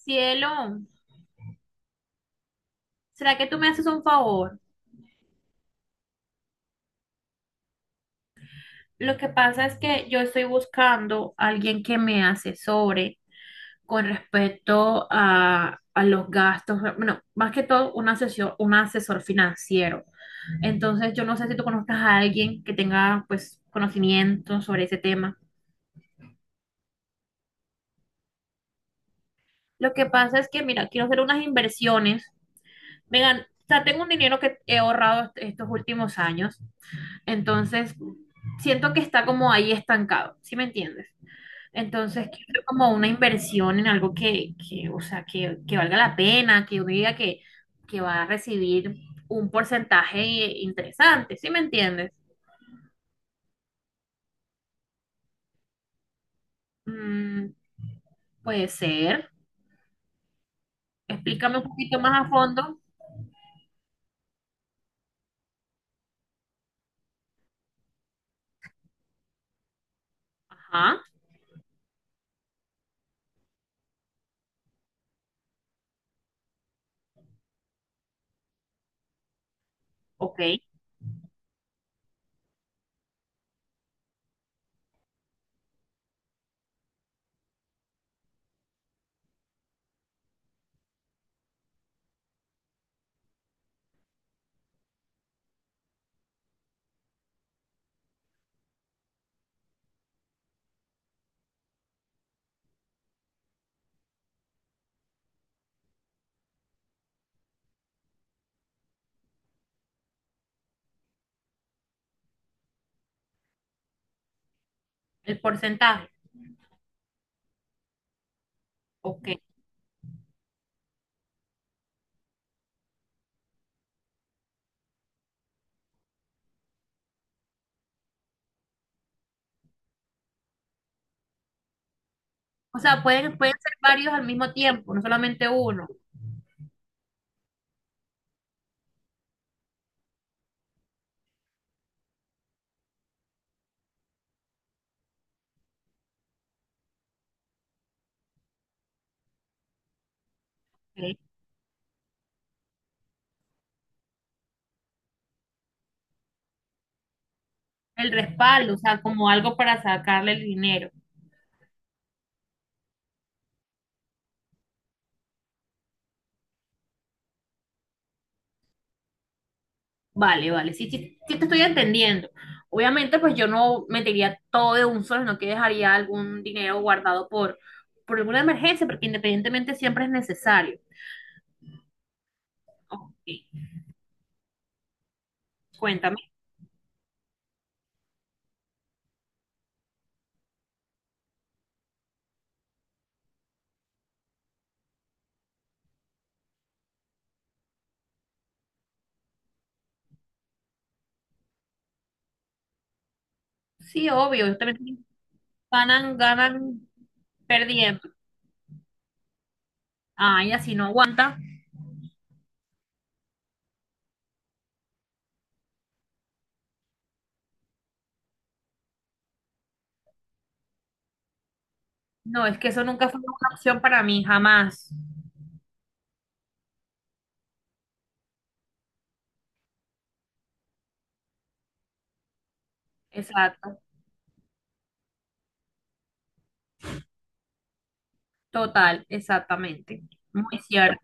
Cielo, ¿será que tú me haces un favor? Lo que pasa es que yo estoy buscando a alguien que me asesore con respecto a los gastos, bueno, más que todo un asesor financiero. Entonces, yo no sé si tú conozcas a alguien que tenga pues conocimiento sobre ese tema. Lo que pasa es que, mira, quiero hacer unas inversiones. Vengan, o sea, tengo un dinero que he ahorrado estos últimos años. Entonces, siento que está como ahí estancado, ¿sí me entiendes? Entonces, quiero como una inversión en algo o sea, que valga la pena, que uno diga que, va a recibir un porcentaje interesante, ¿sí me entiendes? Mm, puede ser. Explícame un poquito más a fondo. Ajá, ok. El porcentaje, ok. O sea, pueden ser varios al mismo tiempo, no solamente uno. Ok. El respaldo, o sea, como algo para sacarle el dinero. Vale, vale, sí, sí, sí te estoy entendiendo. Obviamente, pues yo no metería todo de un solo, sino que dejaría algún dinero guardado por alguna emergencia, porque independientemente siempre es necesario. Ok, cuéntame. Sí, obvio, ellos también ganan perdiendo. Ay, así no aguanta. No, es que eso nunca fue una opción para mí, jamás. Exacto, total, exactamente. Muy cierto.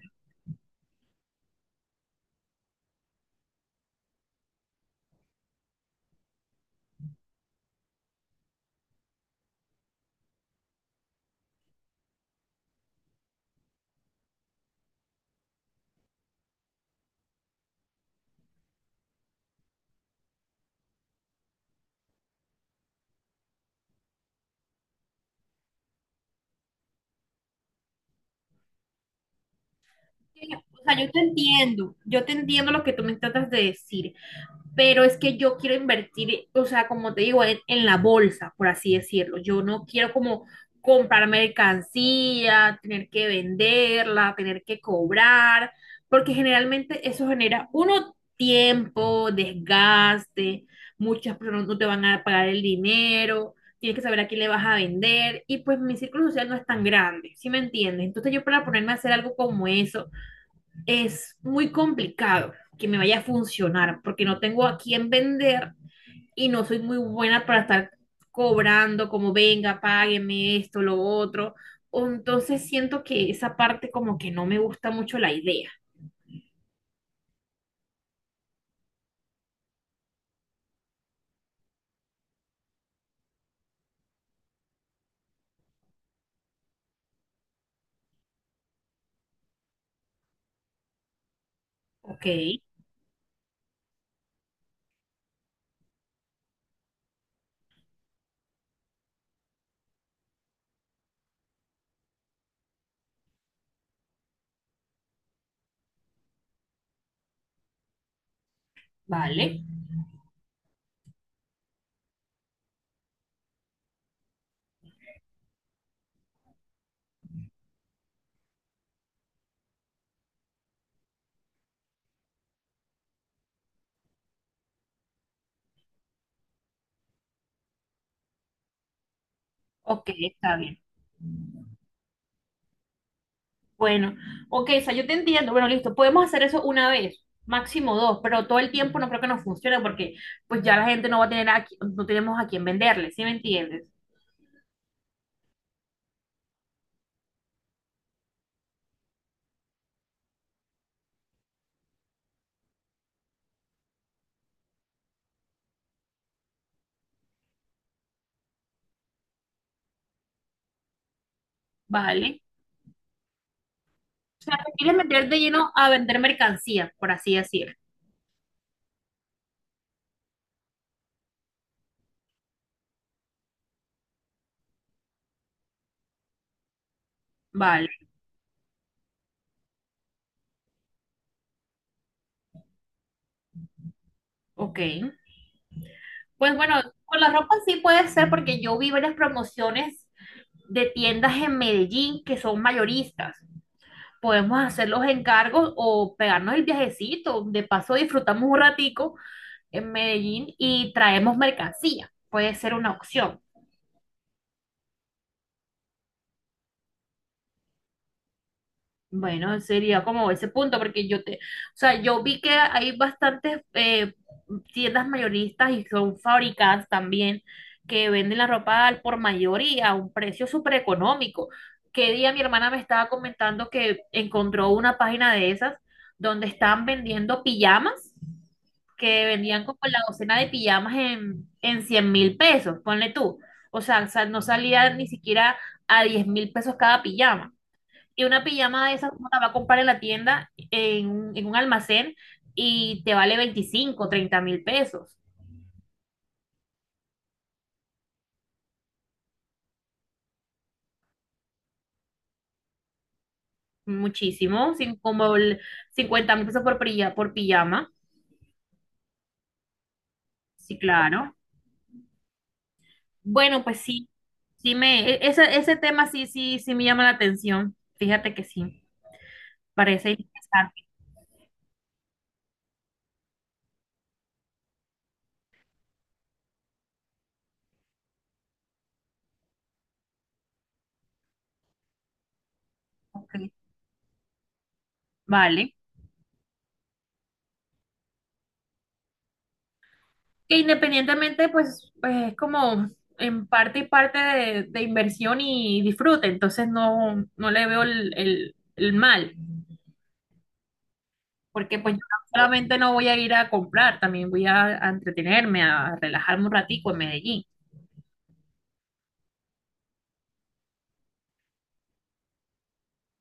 O sea, yo te entiendo lo que tú me tratas de decir, pero es que yo quiero invertir, o sea, como te digo, en la bolsa, por así decirlo. Yo no quiero como comprar mercancía, tener que venderla, tener que cobrar, porque generalmente eso genera uno tiempo, desgaste, muchas personas no te van a pagar el dinero, tienes que saber a quién le vas a vender y pues mi círculo social no es tan grande, ¿sí me entiendes? Entonces yo para ponerme a hacer algo como eso es muy complicado que me vaya a funcionar porque no tengo a quién vender y no soy muy buena para estar cobrando como venga, págueme esto, lo otro. O Entonces siento que esa parte como que no me gusta mucho la idea. Ok, vale. Ok, está bien. Bueno, ok, o sea, yo te entiendo. Bueno, listo, podemos hacer eso una vez, máximo dos, pero todo el tiempo no creo que nos funcione porque pues ya la gente no va a tener no tenemos a quién venderle, ¿sí me entiendes? Vale. ¿Quieres meter de lleno a vender mercancía, por así decir? Vale, ok. Pues bueno, con la ropa sí puede ser porque yo vi varias promociones de tiendas en Medellín que son mayoristas. Podemos hacer los encargos o pegarnos el viajecito. De paso disfrutamos un ratico en Medellín y traemos mercancía. Puede ser una opción. Bueno, sería como ese punto, porque yo te, o sea, yo vi que hay bastantes tiendas mayoristas y son fábricas también que venden la ropa al por mayor y a un precio súper económico. Que día mi hermana me estaba comentando que encontró una página de esas donde estaban vendiendo pijamas, que vendían como la docena de pijamas en 100.000 pesos, ponle tú. O sea, no salía ni siquiera a 10.000 pesos cada pijama. Y una pijama de esas uno la va a comprar en la tienda, en un almacén, y te vale 25, 30 mil pesos. Muchísimo, sin, como el 50.000 pesos por pijama. Sí, claro. Bueno, pues sí, ese tema sí, sí, sí me llama la atención. Fíjate que sí, parece interesante. Ok, vale. Que independientemente, pues, es como en parte y parte de inversión y disfrute, entonces no, no le veo el mal, porque pues yo solamente no voy a ir a comprar, también voy a entretenerme, a relajarme un ratico en Medellín.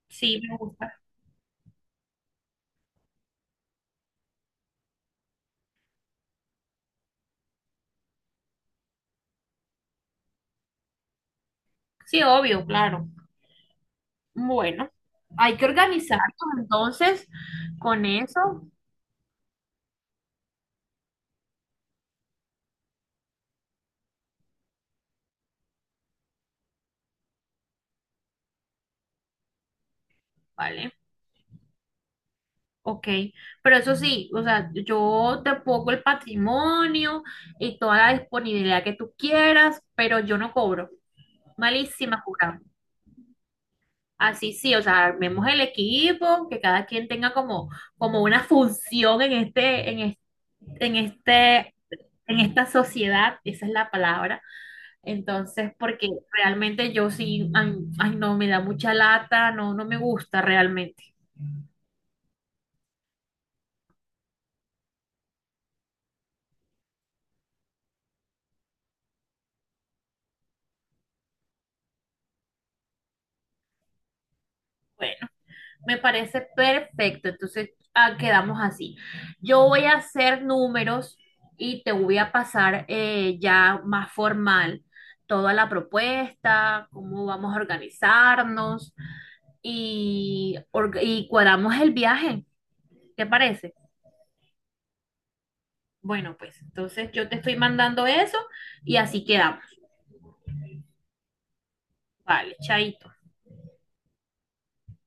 Sí, me gusta. Sí, obvio, claro. Bueno, hay que organizarnos entonces con eso, ¿vale? Ok, pero eso sí, o sea, yo te pongo el patrimonio y toda la disponibilidad que tú quieras, pero yo no cobro. Malísima jugada. Así sí, o sea, armemos el equipo, que cada quien tenga como, como una función en este, en esta sociedad, esa es la palabra. Entonces, porque realmente yo sí, ay, ay, no, me da mucha lata, no, no me gusta realmente. Me parece perfecto. Entonces, ah, quedamos así. Yo voy a hacer números y te voy a pasar ya más formal toda la propuesta, cómo vamos a organizarnos y cuadramos el viaje. ¿Te parece? Bueno, pues entonces yo te estoy mandando eso y así quedamos. Vale, chaito.